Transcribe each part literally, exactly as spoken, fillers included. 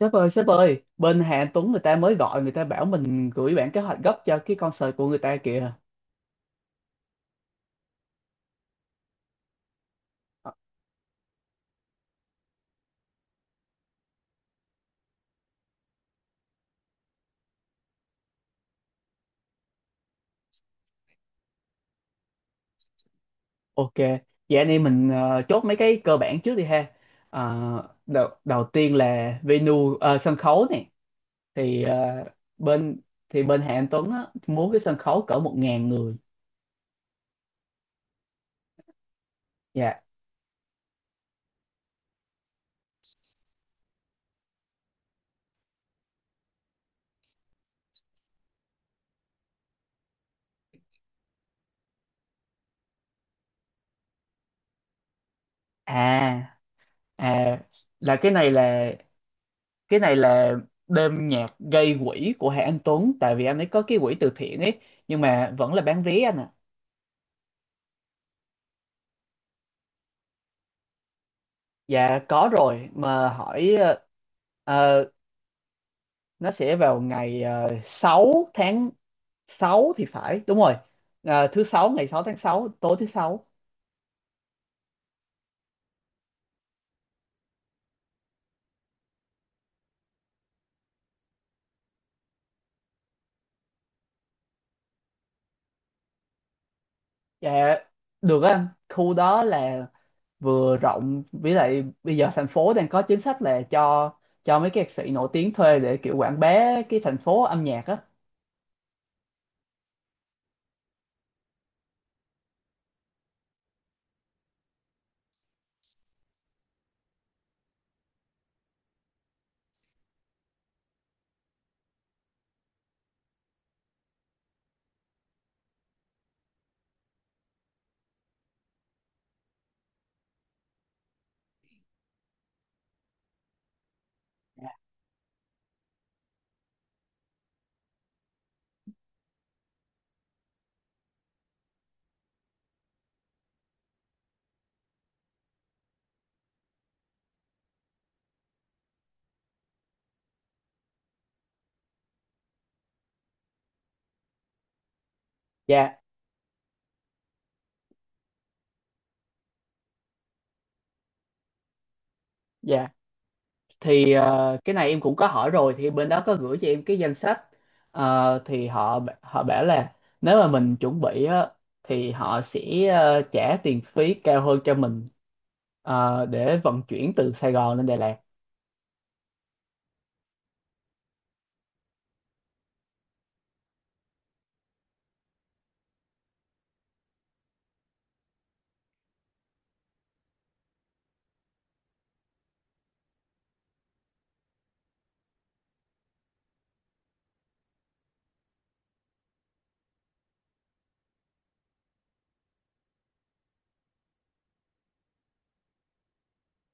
Sếp ơi, sếp ơi, bên Hà Anh Tuấn người ta mới gọi, người ta bảo mình gửi bản kế hoạch gấp cho cái concert của người ta kìa. Ờ, ok, vậy anh em mình ờ, chốt mấy cái cơ bản trước đi ha. Ờ, đầu, đầu tiên là venue, ờ, sân khấu này thì ờ, bên thì bên Hà Anh Tuấn á, muốn cái sân khấu cỡ một ngàn người. Dạ. À, à, là cái này là, cái này là đêm nhạc gây quỹ của Hà Anh Tuấn, tại vì anh ấy có cái quỹ từ thiện ấy, nhưng mà vẫn là bán vé anh ạ. Dạ có rồi mà hỏi, ờ, ờ, nó sẽ vào ngày uh, sáu tháng sáu thì phải, đúng rồi. Ờ, thứ sáu ngày sáu tháng sáu, tối thứ sáu. Dạ được á anh, khu đó là vừa rộng, với lại bây giờ thành phố đang có chính sách là cho cho mấy cái ca sĩ nổi tiếng thuê để kiểu quảng bá cái thành phố âm nhạc á. Dạ, dạ. Thì ờ, cái này em cũng có hỏi rồi, thì bên đó có gửi cho em cái danh sách. Ờ, thì họ họ bảo là nếu mà mình chuẩn bị á, thì họ sẽ ờ, trả tiền phí cao hơn cho mình, ờ, để vận chuyển từ Sài Gòn lên Đà Lạt.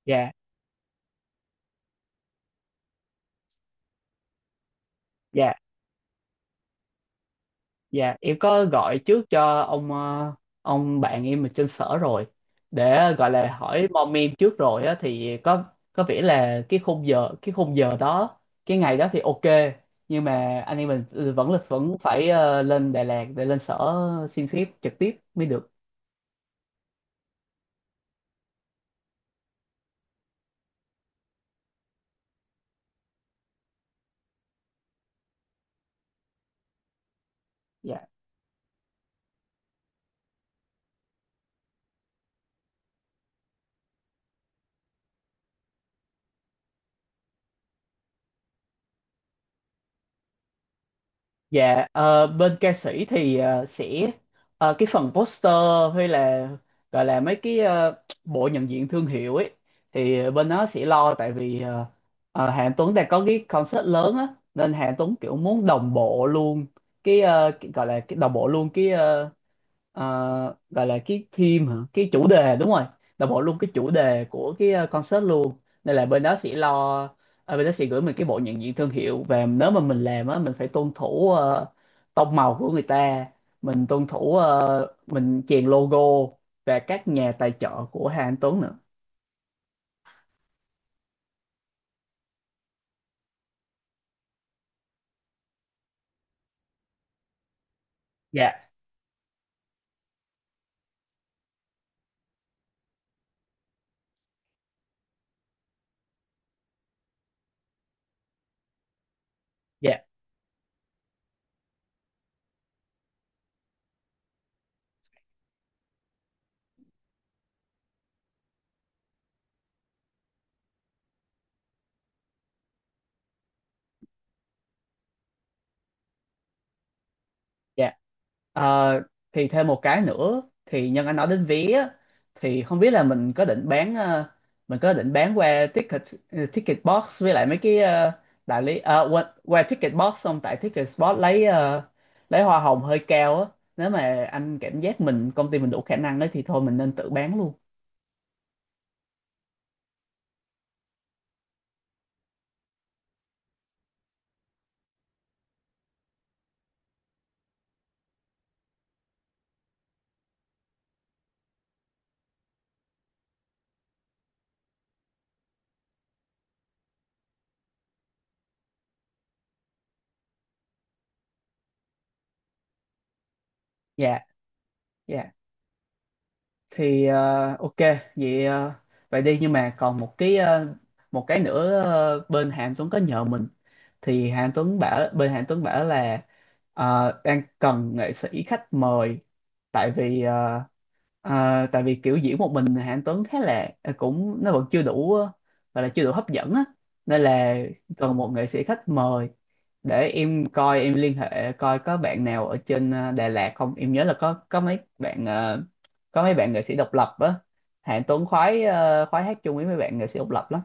Dạ, dạ. Dạ, em có gọi trước cho ông, ờ, ông bạn em ở trên sở rồi, để gọi là hỏi mom em trước rồi á, thì có có vẻ là cái khung giờ cái khung giờ đó, cái ngày đó thì ok, nhưng mà anh em mình vẫn là vẫn phải ờ, lên Đà Lạt để lên sở xin phép trực tiếp mới được. Dạ. Dạ, ờ, bên ca sĩ thì ờ, sẽ, ờ, cái phần poster hay là gọi là mấy cái, ờ, bộ nhận diện thương hiệu ấy, thì bên đó sẽ lo, tại vì ờ, ờ, Hà Anh Tuấn đang có cái concert lớn á, nên Hà Anh Tuấn kiểu muốn đồng bộ luôn cái, ờ, cái- gọi là cái đồng bộ luôn cái, ờ, ờ, gọi là cái theme hả, cái chủ đề, đúng rồi, là bộ luôn cái chủ đề của cái, ờ, concert luôn. Nên là bên đó sẽ lo, ờ, bên đó sẽ gửi mình cái bộ nhận diện thương hiệu, và nếu mà mình làm á mình phải tuân thủ ờ, tông màu của người ta, mình tuân thủ, ờ, mình chèn logo và các nhà tài trợ của Hà Anh Tuấn nữa. Dạ. Dạ, dạ. Ờ, thì thêm một cái nữa, thì nhân anh nói đến vé á, thì không biết là mình có định bán, ờ, mình có định bán qua ticket, ờ, ticket box với lại mấy cái ờ, đại lý, ờ, qua, qua ticket box, xong tại ticket spot lấy, ờ, lấy hoa hồng hơi cao á. Nếu mà anh cảm giác mình, công ty mình đủ khả năng ấy, thì thôi mình nên tự bán luôn. Dạ, dạ. Thì ờ, ok, vậy ờ, vậy đi, nhưng mà còn một cái, ờ, một cái nữa ờ, bên Hà Anh Tuấn có nhờ mình. Thì Hà Anh Tuấn bảo bên Hà Anh Tuấn bảo là, ờ, đang cần nghệ sĩ khách mời, tại vì ờ, Ờ, tại vì kiểu diễn một mình thì Anh Tuấn khá là, ờ, cũng nó vẫn chưa đủ, ờ, gọi là chưa đủ hấp dẫn á, nên là cần một nghệ sĩ khách mời. Để em coi, em liên hệ coi có bạn nào ở trên ờ, Đà Lạt không. Em nhớ là có có mấy bạn, ờ, có mấy bạn nghệ sĩ độc lập á, Hạng Tuấn khoái, ờ, khoái hát chung với mấy bạn nghệ sĩ độc lập lắm.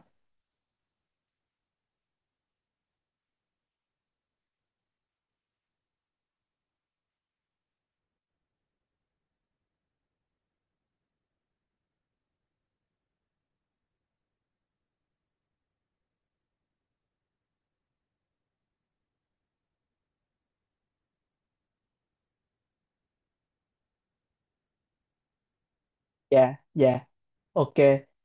Dạ, dạ, ok.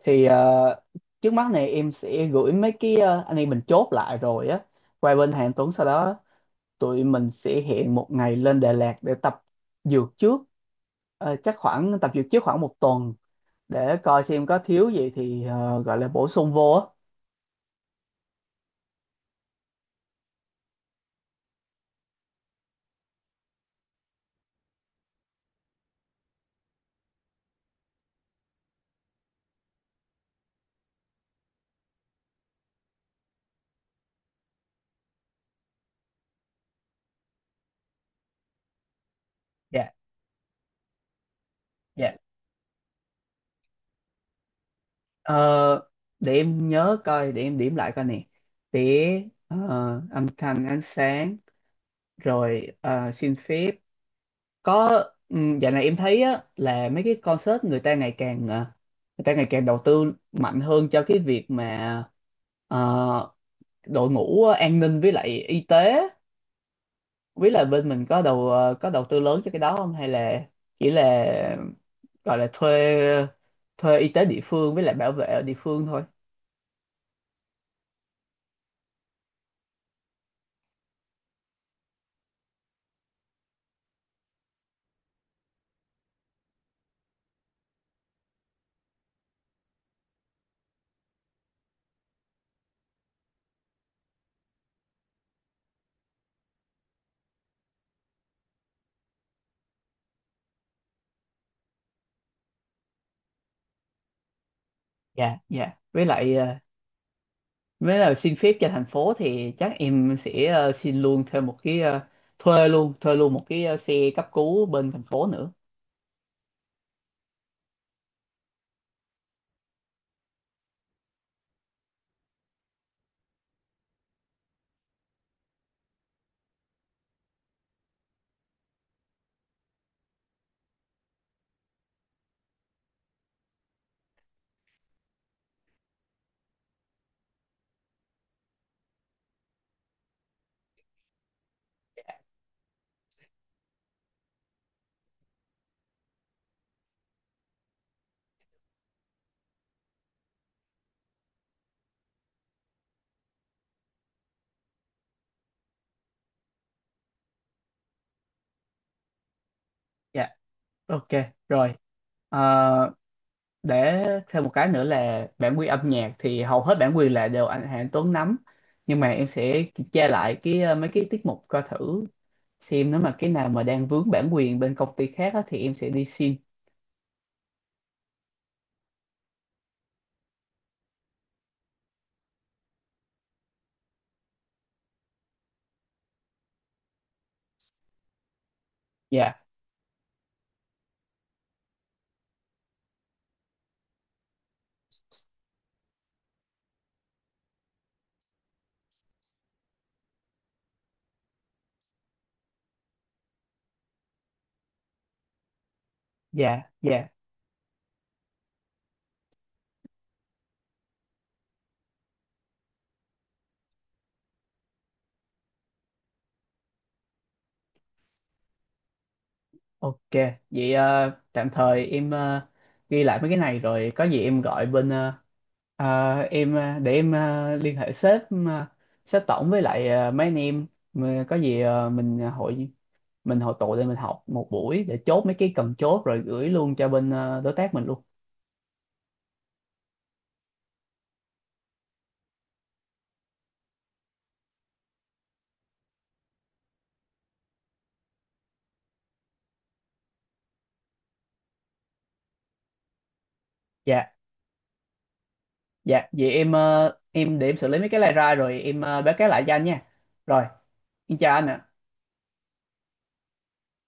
Thì ờ, trước mắt này em sẽ gửi mấy cái, ờ, anh em mình chốt lại rồi á, qua bên Hạng Tuấn. Sau đó tụi mình sẽ hẹn một ngày lên Đà Lạt để tập dược trước. Ờ, chắc khoảng tập dược trước khoảng một tuần, để coi xem có thiếu gì thì ờ, gọi là bổ sung vô á. Dạ dạ Ờ, để em nhớ coi, để em điểm lại coi nè, để, ờ, âm thanh, ánh sáng, rồi, ờ, xin phép, có, um, dạo này em thấy á, là mấy cái concert người ta ngày càng, ờ, người ta ngày càng đầu tư mạnh hơn cho cái việc mà, ờ, đội ngũ, ờ, an ninh với lại y tế. Với biết là bên mình có đầu, ờ, có đầu tư lớn cho cái đó không, hay là chỉ là gọi là thuê, thuê y tế địa phương với lại bảo vệ ở địa phương thôi. Dạ, dạ, với lại ờ, với lại xin phép cho thành phố thì chắc em sẽ ờ, xin luôn thêm một cái, ờ, thuê luôn thuê luôn một cái, ờ, xe cấp cứu bên thành phố nữa. Dạ, ok, rồi. Ờ, để thêm một cái nữa là bản quyền âm nhạc, thì hầu hết bản quyền là đều anh Hà Anh Tuấn nắm, nhưng mà em sẽ kiểm tra lại cái, ờ, mấy cái tiết mục coi thử xem, nếu mà cái nào mà đang vướng bản quyền bên công ty khác á, thì em sẽ đi xin. Dạ, dạ, dạ, ok. Vậy ờ, tạm thời em, ờ, ghi lại mấy cái này, rồi có gì em gọi bên, ờ, ờ, em ờ, để em ờ, liên hệ sếp, ờ, sếp tổng với lại, ờ, mấy anh em. Mà có gì ờ, mình ờ, hội mình hội tụ lên, mình học một buổi để chốt mấy cái cần chốt, rồi gửi luôn cho bên, ờ, đối tác mình luôn. Dạ. Dạ, vậy em, ờ, em để em xử lý mấy cái này ra, rồi em, ờ, báo cáo lại cho anh nha. Rồi, em chào anh ạ.